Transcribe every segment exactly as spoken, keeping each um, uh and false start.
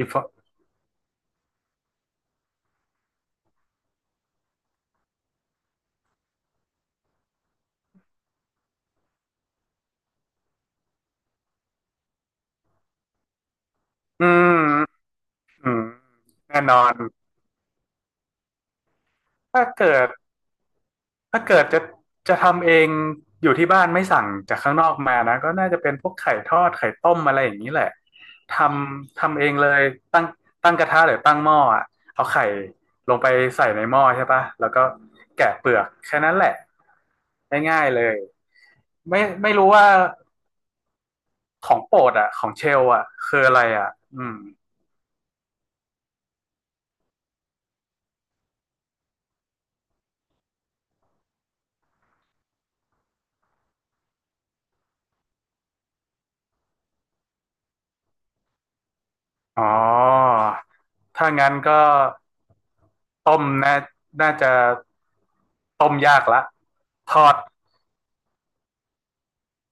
อีฟอืมอืมแน่นอน ถ้าเกิดถ้าเกิดจะจะทำเอง อยู่ที่บ้านไม่สั่งจากข้างนอกมานะ ก็น่าจะเป็นพวกไข่ทอด ไข่ต้มอะไรอย่างนี้แหละทำทำเองเลยตั้งตั้งกระทะหรือตั้งหม้ออะเอาไข่ลงไปใส่ในหม้อใช่ปะ แล้วก็แกะเปลือก แค่นั้นแหละง่ายๆเลยไม่ไม่รู้ว่า ของโปรดอ่ะของเชลอ่ะคืออะไรอ่ะอืม อ๋อ ถ้างั้นก็ต้มน่าน่าจะต้มยากละทอด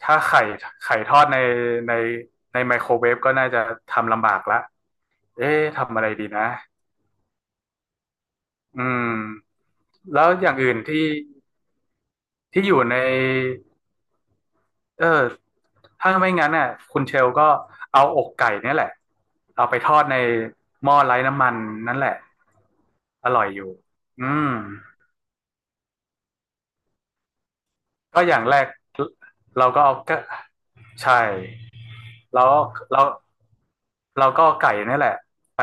ถ้าไข่ไข่ทอดในในในไมโครเวฟก็น่าจะทำลำบากละเอ๊ะทำอะไรดีนะอืมแล้วอย่างอื่นที่ที่อยู่ในเออถ้าไม่งั้นน่ะคุณเชลก็เอาอกไก่เนี่ยแหละเอาไปทอดในหม้อไร้น้ำมันนั่นแหละอร่อยอยู่อืม ก็อย่างแรกเราก็เอาก็ใช่เราเราเราก็เอาไก่นี่แหละไป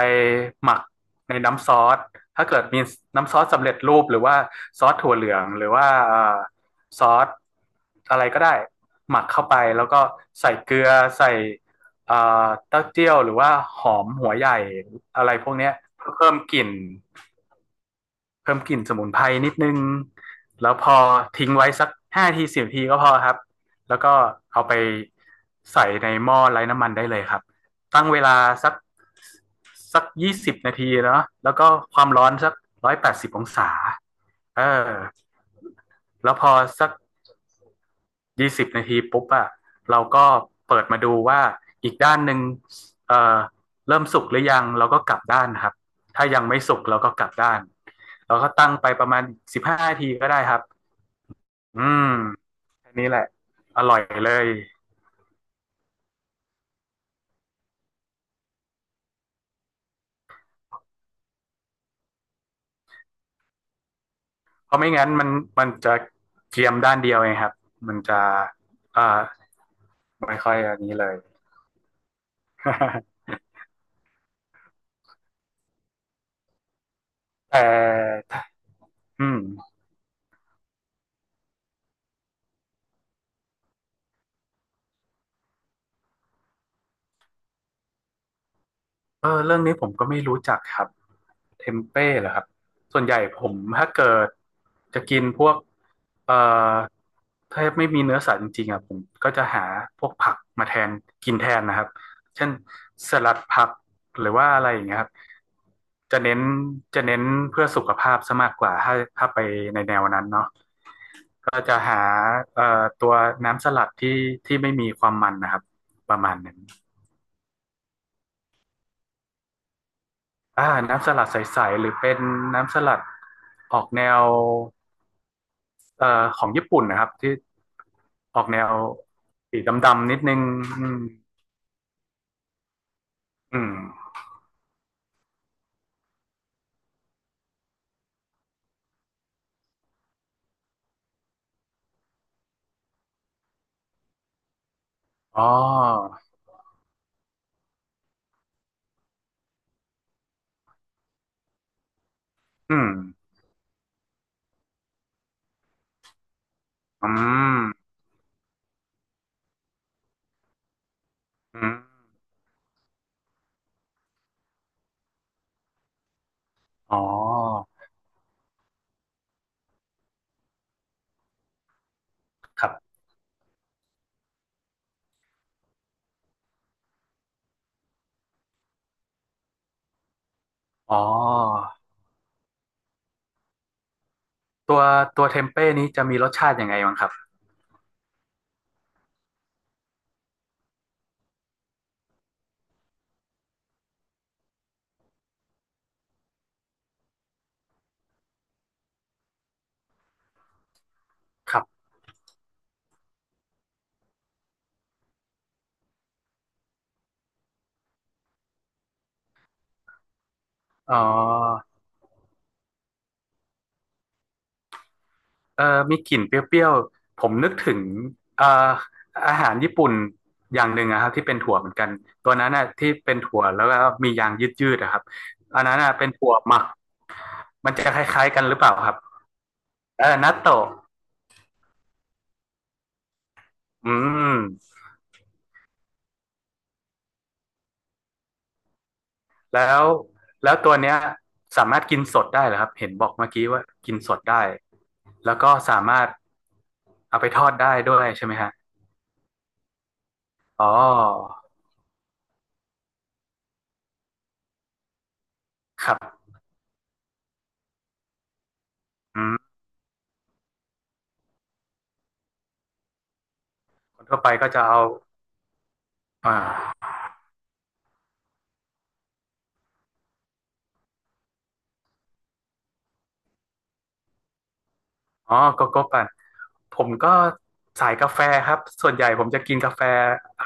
หมักในน้ำซอส ถ้าเกิดมีน้ำซอสสำเร็จรูปหรือว่าซอสถั่วเหลืองหรือว่าเอ่อซอสอะไรก็ได้หมักเข้าไปแล้วก็ใส่เกลือใส่เอ่อเต้าเจี้ยวหรือว่าหอมหัวใหญ่อะไรพวกเนี้ยเพื่อเพิ่มกลิ่น เพิ่มกลิ่นสมุนไพรนิดนึง แล้วพอทิ้งไว้สักห้าทีสิบทีก็พอครับ แล้วก็เอาไปใส่ในหม้อไร้น้ำมันได้เลยครับ ตั้งเวลาสักสักยี่สิบนาทีเนาะแล้วก็ความร้อนสักร้อยแปดสิบองศาเออแล้วพอสัก ยี่สิบนาทีปุ๊บอะเราก็เปิดมาดูว่าอีกด้านหนึ่งเอ่อเริ่มสุกหรือยังเราก็กลับด้านครับถ้ายังไม่สุกเราก็กลับด้านเราก็ตั้งไปประมาณสิบห้านาทีก็ได้ครับอืมแค่นี้แหละอร่อยเลยเพราะไม่งั้นมันมันจะเจียมด้านเดียวเองครับมันจะอ่อไม่ค่อยอันนี้เลย แต่อืม เออเรื่องนี้ผมก็ไม่รู้จักครับเทมเป้เหรอครับส่วนใหญ่ผมถ้าเกิดจะกินพวกเอ่อถ้าไม่มีเนื้อสัตว์จริงๆอ่ะผมก็จะหาพวกผักมาแทนกินแทนนะครับเช่นสลัดผักหรือว่าอะไรอย่างเงี้ยครับจะเน้นจะเน้นเพื่อสุขภาพซะมากกว่าถ้าถ้าไปในแนวนั้นเนาะก็จะหาเอ่อตัวน้ำสลัดที่ที่ไม่มีความมันนะครับประมาณนั้น อ่าน้ำสลัดใสๆหรือเป็นน้ำสลัดออกแนวเอ่อของญี่ปุ่นนะครับที่ออกแนวสีดำๆนิดนึงอืมอืมอ๋ออืมอืมอืมอ๋อครับอ๋อตัวตัวเทมเป้นี้จะมีรสชาติยังไงบ้างครับครับอ๋อ เออมีกลิ่นเปรี้ยวๆ ผมนึกถึงเอ่ออาหารญี่ปุ่นอย่างหนึ่งนะครับที่เป็นถั่วเหมือนกันตัวนั้นน่ะที่เป็นถั่วแล้วก็มียางยืดๆนะครับอันนั้นน่ะเป็นถั่วหมักมันจะคล้ายๆกันหรือเปล่าครับเออนัตโตะอืมแล้วแล้วตัวเนี้ยสามารถกินสดได้เหรอครับเห็นบอกเมื่อกี้ว่ากินสดได้แล้วก็สามารถเอาไปทอดได้ด้วยใช่ไหมฮะอ๋อครับอืมคนทั่วไปก็จะเอาอ่า อ๋อโกโก้ปั่นผมก็สายกาแฟครับ ส่วนใหญ่ผมจะกินกาแฟเอ่อ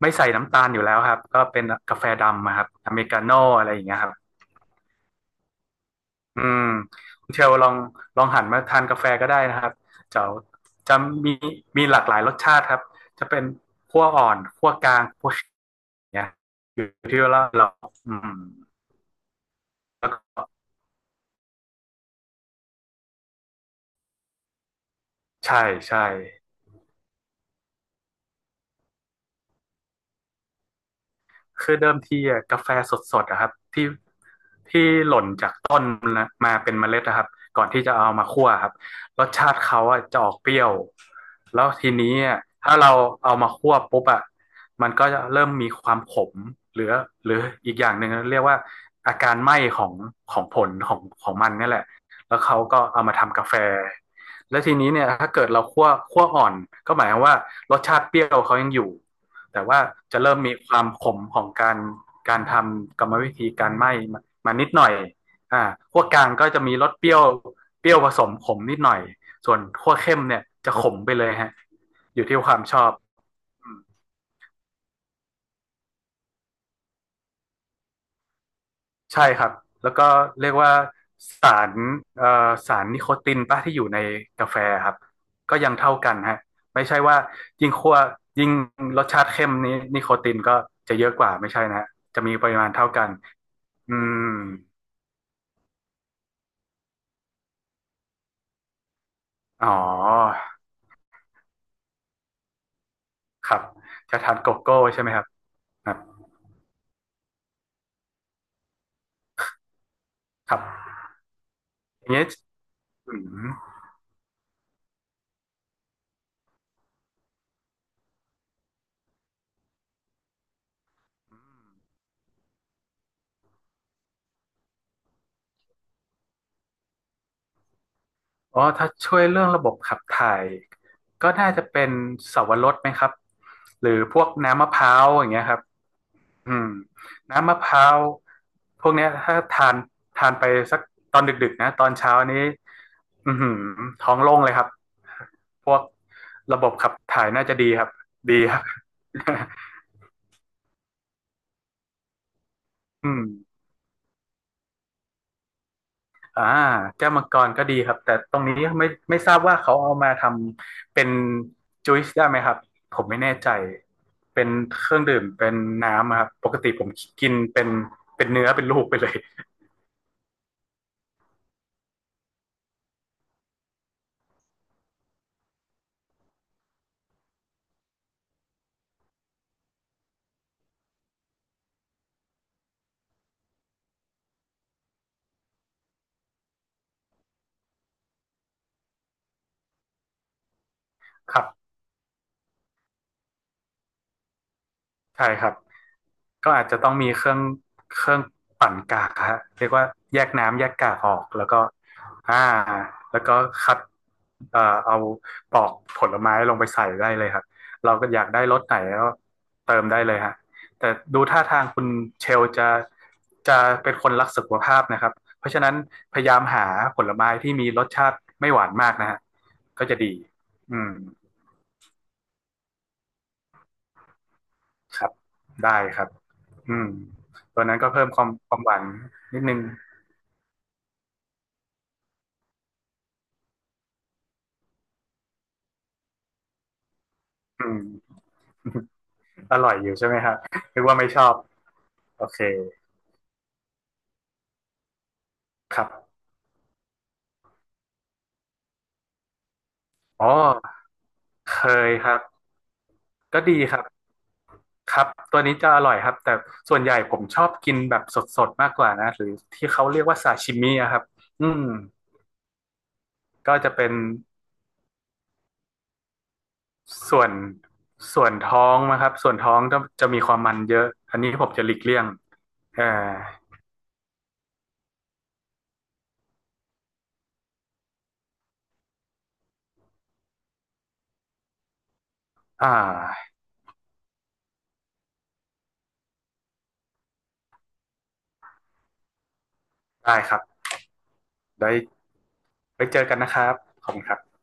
ไม่ใส่น้ำตาลอยู่แล้วครับ ก็เป็นกาแฟดำอะครับอเมริกาโน่อะไรอย่างเงี้ยครับ อืม คุณเชลลองลองหันมาทานกาแฟก็ได้นะครับ จะจะมีมีหลากหลายรสชาติครับ จะเป็นคั่วอ่อนคั่วกลางคั่วเนี้ยอยู่ที่ว่าเราอืมแล้วก็ใช่ใช่ คือเดิมทีอะกาแฟสดๆอะครับที่ที่หล่นจากต้นนะมาเป็นเมล็ดนะครับก่อนที่จะเอามาคั่วครับรสชาติเขาอะจะออกเปรี้ยวแล้วทีนี้อะถ้าเราเอามาคั่วปุ๊บอะมันก็จะเริ่มมีความขมหรือหรืออีกอย่างหนึ่งเรียกว่าอาการไหม้ของของผลของของมันนี่แหละแล้วเขาก็เอามาทำกาแฟแล้วทีนี้เนี่ยถ้าเกิดเราคั่วคั่วอ่อนก็หมายความว่ารสชาติเปรี้ยวเขายังอยู่ แต่ว่าจะเริ่มมีความขมของการการทำกรรมวิธีการไหม้มานิดหน่อยอ่าขั้วกลางก็จะมีรสเปรี้ยวเปรี้ยวผสมขมนิดหน่อยส่วนขั้วเข้มเนี่ยจะขมไปเลยฮะอยู่ที่ความชอบใช่ครับแล้วก็เรียกว่าสารเอ่อสารนิโคตินปะที่อยู่ในกาแฟครับก็ยังเท่ากันฮะไม่ใช่ว่ายิ่งขั้วยิ่งรสชาติเข้มนี้นิโคตินก็จะเยอะกว่าไม่ใช่นะฮะจะมีปริมาณเท่ากันอืม อ๋อครับจะทานโกโก้ใช่ไหมครับครับครับอย่างเงี้ยอืมอ๋อถ้าช่วยเรื่องระบบขับถ่ายก็น่าจะเป็นสาวรสไหมครับหรือพวกน้ำมะพร้าวอย่างเงี้ยครับอืมน้ำมะพร้าวพวกเนี้ยถ้าทานทานไปสักตอนดึกๆนะตอนเช้านี้อือหือท้องโล่งเลยครับพวกระบบขับถ่ายน่าจะดีครับดีครับ อืม อ่าแก้วมังกรก็ดีครับแต่ตรงนี้ไม่ไม่ทราบว่าเขาเอามาทำเป็นจูซได้ไหมครับผมไม่แน่ใจเป็นเครื่องดื่มเป็นน้ำอะครับปกติผมกินเป็นเป็นเนื้อเป็นลูกไปเลยครับ ใช่ครับก็อาจจะต้องมีเครื่องเครื่องปั่นกากฮะเรียกว่าแยกน้ำแยกกากออกแล้วก็อ่าแล้วก็คัดเอ่อเอาปอกผลไม้ลงไปใส่ได้เลยครับเราก็อยากได้รสไหนก็เติมได้เลยฮะแต่ดูท่าทางคุณเชลจะจะเป็นคนรักสุขภาพนะครับเพราะฉะนั้นพยายามหาผลไม้ที่มีรสชาติไม่หวานมากนะฮะก็จะดีอืมครับได้ครับ อืมตัวนั้นก็เพิ่มความความหวานนิดนึงอืม อร่อยอยู่ใช่ไหมครับนึกว่าไม่ชอบ โอเคครับอ๋อเคยครับก็ดีครับครับ ตัวนี้จะอร่อยครับแต่ส่วนใหญ่ผมชอบกินแบบสดๆมากกว่านะหรือที่เขาเรียกว่าซาชิมิอะครับอืมก็จะเป็นส่วนส่วนท้องนะครับส่วนท้องจะจะมีความมันเยอะ อันนี้ผมจะหลีกเลี่ยงเอ่ออ่าได้ครับได้ไว้เจอกันนะครับขอบคุณครับ